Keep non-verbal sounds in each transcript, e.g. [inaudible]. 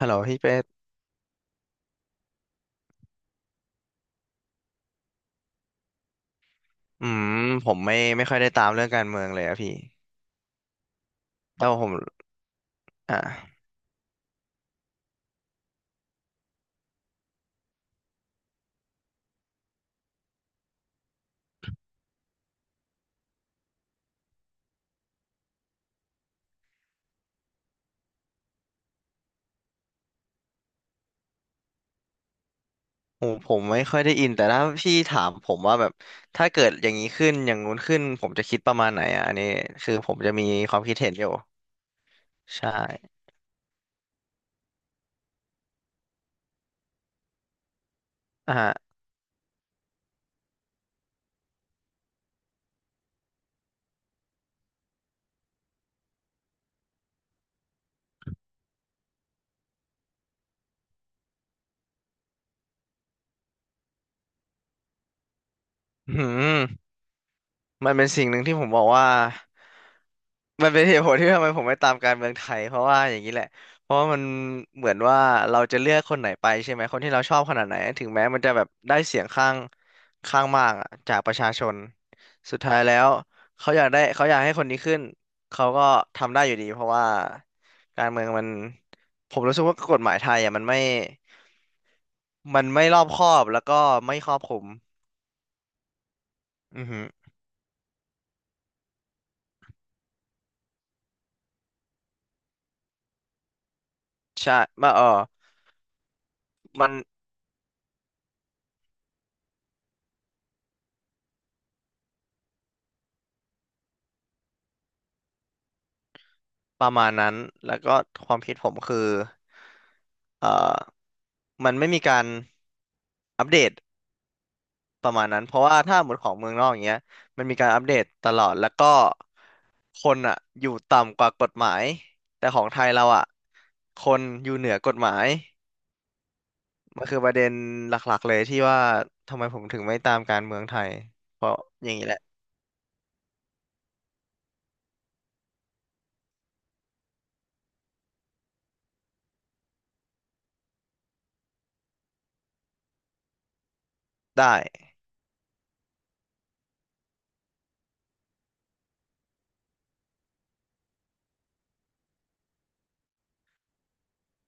ฮัลโหลพี่เป็ดอืมผมไม่ค่อยได้ตามเรื่องการเมืองเลยอะพี่แต่วาผมอ่ะผมไม่ค่อยได้อินแต่ถ้าพี่ถามผมว่าแบบถ้าเกิดอย่างนี้ขึ้นอย่างงู้นขึ้นผมจะคิดประมาณไหนอ่ะอันนี้คือผมจะมีความคิดเห็นอยู่ใช่อ่ะอืม มันเป็นสิ่งหนึ่งที่ผมบอกว่ามันเป็นเหตุผลที่ทำไมผมไม่ตามการเมืองไทยเพราะว่าอย่างนี้แหละเพราะว่ามันเหมือนว่าเราจะเลือกคนไหนไปใช่ไหมคนที่เราชอบขนาดไหนถึงแม้มันจะแบบได้เสียงข้างมากอะจากประชาชนสุดท้ายแล้วเขาอยากได้เขาอยากให้คนนี้ขึ้นเขาก็ทำได้อยู่ดีเพราะว่าการเมืองมันผมรู้สึกว่ากฎหมายไทยอ่ะมันไม่รอบคอบแล้วก็ไม่ครอบคลุมอือฮึใช่มามัน ประมาณนั้นแล้วก็ความคิดผมคือเอ่อมันไม่มีการอัปเดตประมาณนั้น เพราะว่าถ้าหมดของเมืองนอกอย่างเงี้ยมันมีการอัปเดตตลอด แล้วก็คนอ่ะอยู่ต่ำกว่ากฎหมาย แต่ของไทยเราอ่ะคนอยู่เหนือกฎหมาย มันคือประเด็นหลักๆเลยที่ว่าทำไมผมถึงไม่ตามการเมืองไทย เพราะอย่างนี้แหละได้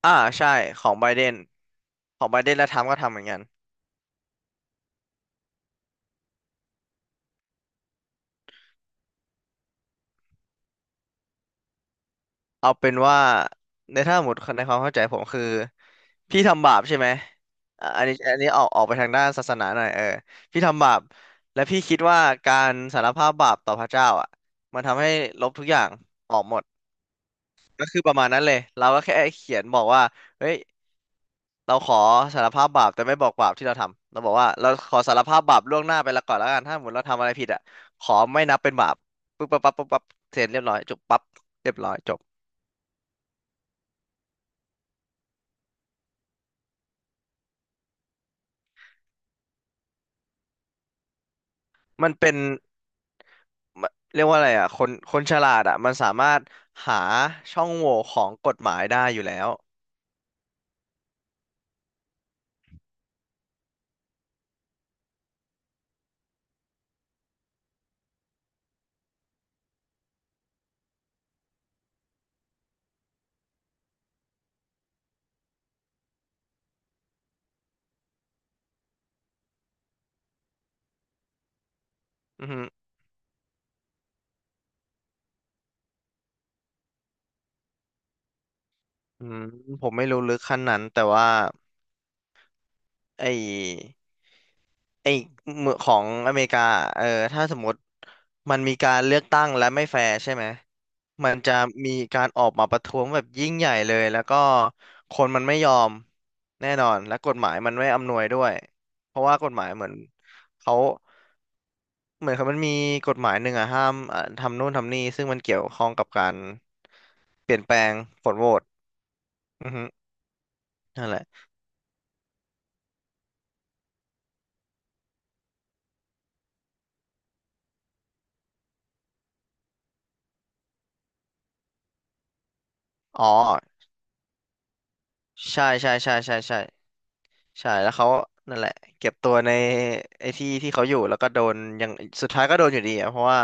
อ่าใช่ของไบเดนของไบเดนและทรัมป์ก็ทำเหมือนกัน เอาเป็นว่าในถ้าสมมติในความเข้าใจผมคือพี่ทำบาปใช่ไหมอ่ะอันนี้อันนี้ออกไปทางด้านศาสนาหน่อยพี่ทำบาปและพี่คิดว่าการสารภาพบาปต่อพระเจ้าอ่ะมันทำให้ลบทุกอย่างออกหมดก็คือประมาณนั้นเลยเราก็แค่เขียนบอกว่าเฮ้ยเราขอสารภาพบาปแต่ไม่บอกบาปที่เราทำเราบอกว่าเราขอสารภาพบาปล่วงหน้าไปแล้วก่อนแล้วกันถ้าสมมติเราทำอะไรผิดอ่ะขอไม่นับเป็นบาปปึ๊บปั๊บปั๊บปั๊บปั๊บเสร็จเรียบร้อยจบปั๊บเรียบร้อยจบ มันเป็นมันเรียกว่าอะไรอ่ะคนคนฉลาดอ่ะมันสามารถหาช่องโหว่ของกฎหมายได้อยู่แล้วอือฮึอืมผมไม่รู้ลึกขั้นนั้นแต่ว่าไอ้ไอ้เมืองของอเมริกาเออถ้าสมมติมันมีการเลือกตั้งและไม่แฟร์ใช่ไหมมันจะมีการออกมาประท้วงแบบยิ่งใหญ่เลยแล้วก็คนมันไม่ยอมแน่นอนและกฎหมายมันไม่อำนวยด้วยเพราะว่ากฎหมายเหมือนเขา เหมือนครับมันมีกฎหมายหนึ่งอะห้ามอ่ะทำนู่นทำนี่ซึ่งมันเกี่ยวข้องกับการเปลี่ยนแปลงผลโหวตอือฮึนั่นแหละอ๋อใช่ใช่ใช่ใช่ ใช่ ใช่ แล้วเขานั่นแหละเก็บตัวในไอ้ที่เขาอยู่แล้วก็โดนอย่างสุดท้ายก็โดนอยู่ดีอะเพราะว่า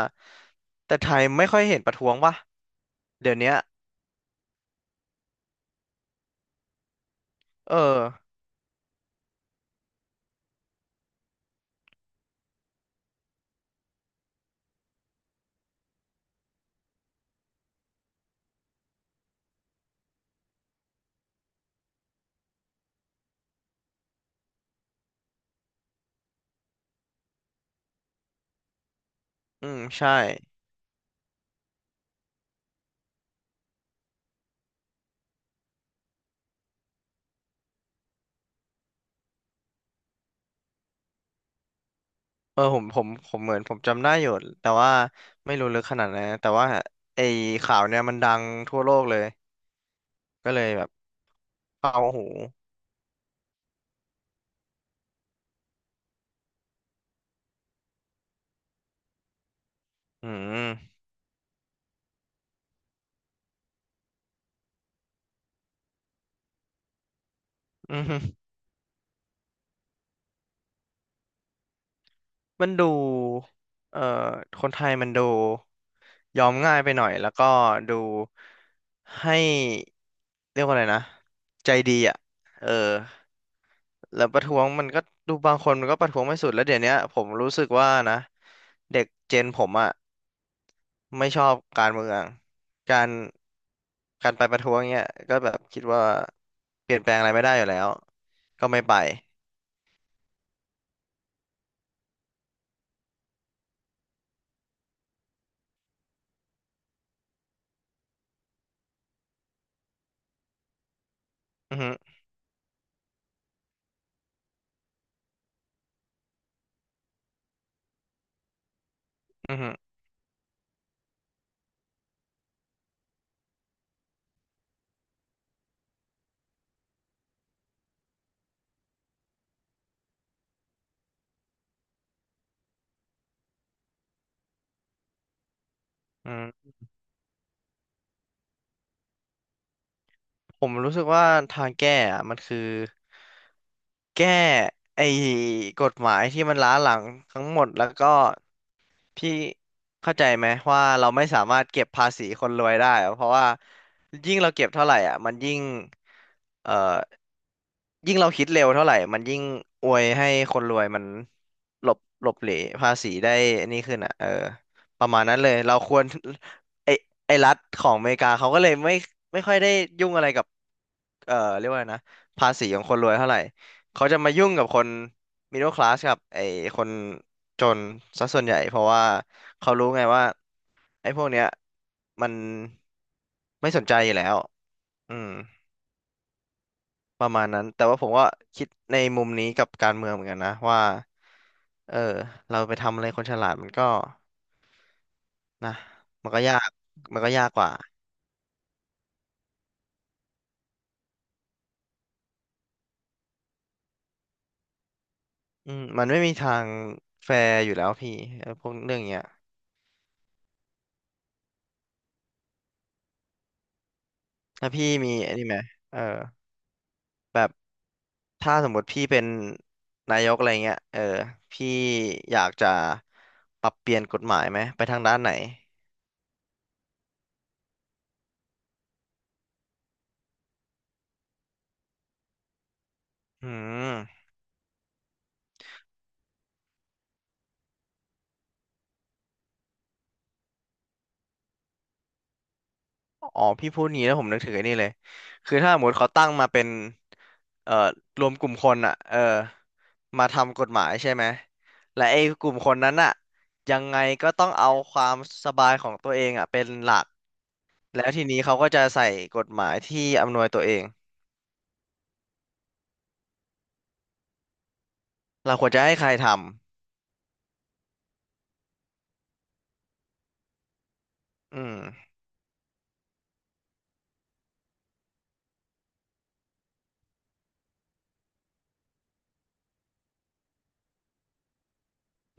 แต่ไทยไม่ค่อยเห็นประท้วงป่ะเดี๋ยวเนี้ยเออใช่เออผมเหมือนผมจำได้อยู่ แต่ว่าไม่รู้ลึกขนาดนั้นนะแต่ว่าไอ้ข่าวเนี่ยมันดังทั่วโลกเลยก็เลยแบบ เอาโอหอืมอืม [laughs] มันดูเอ่อคนไทยมันดูยอมง่ายไปหน่อยแล้วก็ดูให้เรียกว่าอะไรนะใจดีอ่ะเออแล้วประท้วงมันก็ดูบางคนมันก็ประท้วงไม่สุดแล้วเดี๋ยวเนี้ยผมรู้สึกว่านะเด็กเจนผมอ่ะไม่ชอบการเมืองการการไปประท้วงเนี้ยก็แบบคิดว่าเปลี่ยนแปลงอะไรไม่ได้อยู่แล้วก็ไม่ไปอือฮึอือฮึอืม ผมรู้สึกว่าทางแก้อะมันคือแก้ไอ้กฎหมายที่มันล้าหลังทั้งหมดแล้วก็พี่เข้าใจไหมว่าเราไม่สามารถเก็บภาษีคนรวยได้อะเพราะว่ายิ่งเราเก็บเท่าไหร่อ่ะมันยิ่งเอ่อ ยิ่งเราคิดเร็วเท่าไหร่ มันยิ่งอวยให้คนรวยมันหลบเหลภาษีได้อันนี้ขึ้นอ่ะเออประมาณนั้นเลย เราควรไอไอรัฐของอเมริกาเขาก็เลยไม่ค่อยได้ยุ่งอะไรกับเรียกว่าไงนะภาษีของคนรวยเท่าไหร่ เขาจะมายุ่งกับคนมิดเดิลคลาสกับไอคนจนซะส่วนใหญ่เพราะว่าเขารู้ไงว่าไอพวกเนี้ยมันไม่สนใจอยู่แล้วอืม ประมาณนั้นแต่ว่าผมก็คิดในมุมนี้กับการเมืองเหมือนกันนะว่าเออเราไปทำอะไรคนฉลาดมันก็นะมันก็ยากมันก็ยากกว่ามันไม่มีทางแฟร์อยู่แล้วพี่เออพวกเรื่องเนี้ยถ้าพี่มีไอันนี้ไหมเออแบบถ้าสมมติพี่เป็นนายกอะไรเงี้ยพี่อยากจะปรับเปลี่ยนกฎหมายไหมไปทางด้านไหนอืม อ๋อพี่พูดงี้แล้วผมนึกถึงไอ้นี่เลยคือถ้าสมมติเขาตั้งมาเป็นเอ่อรวมกลุ่มคนอ่ะมาทำกฎหมายใช่ไหมและไอ้กลุ่มคนนั้นอ่ะยังไงก็ต้องเอาความสบายของตัวเองอ่ะเป็นหลักแล้วทีนี้เขาก็จะใส่กฎหมายที่อำนวยตัวเองเราควรจะให้ใครทำอืม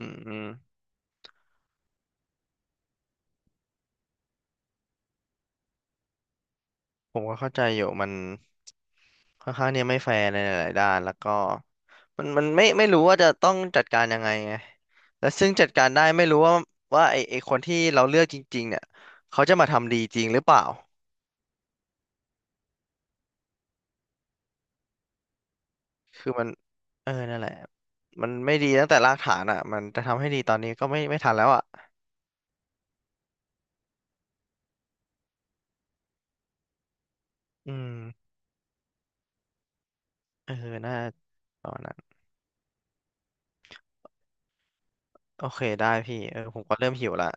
อืม ผมก็เข้าใจอยู่มันค่อนข้างเนี่ยไม่แฟร์ในหลายๆด้านแล้วก็มันไม่รู้ว่าจะต้องจัดการยังไงไงและซึ่งจัดการได้ไม่รู้ว่าว่าไอคนที่เราเลือกจริงๆเนี่ยเขาจะมาทำดีจริงหรือเปล่าคือมันนั่นแหละมันไม่ดีตั้งแต่รากฐานอ่ะมันจะทำให้ดีตอนนี้ก็ไม่ทันแล้วอ่ะอืมเออน่าตอนนั้นโอเคได้พี่เออผมก็เริ่มหิวละ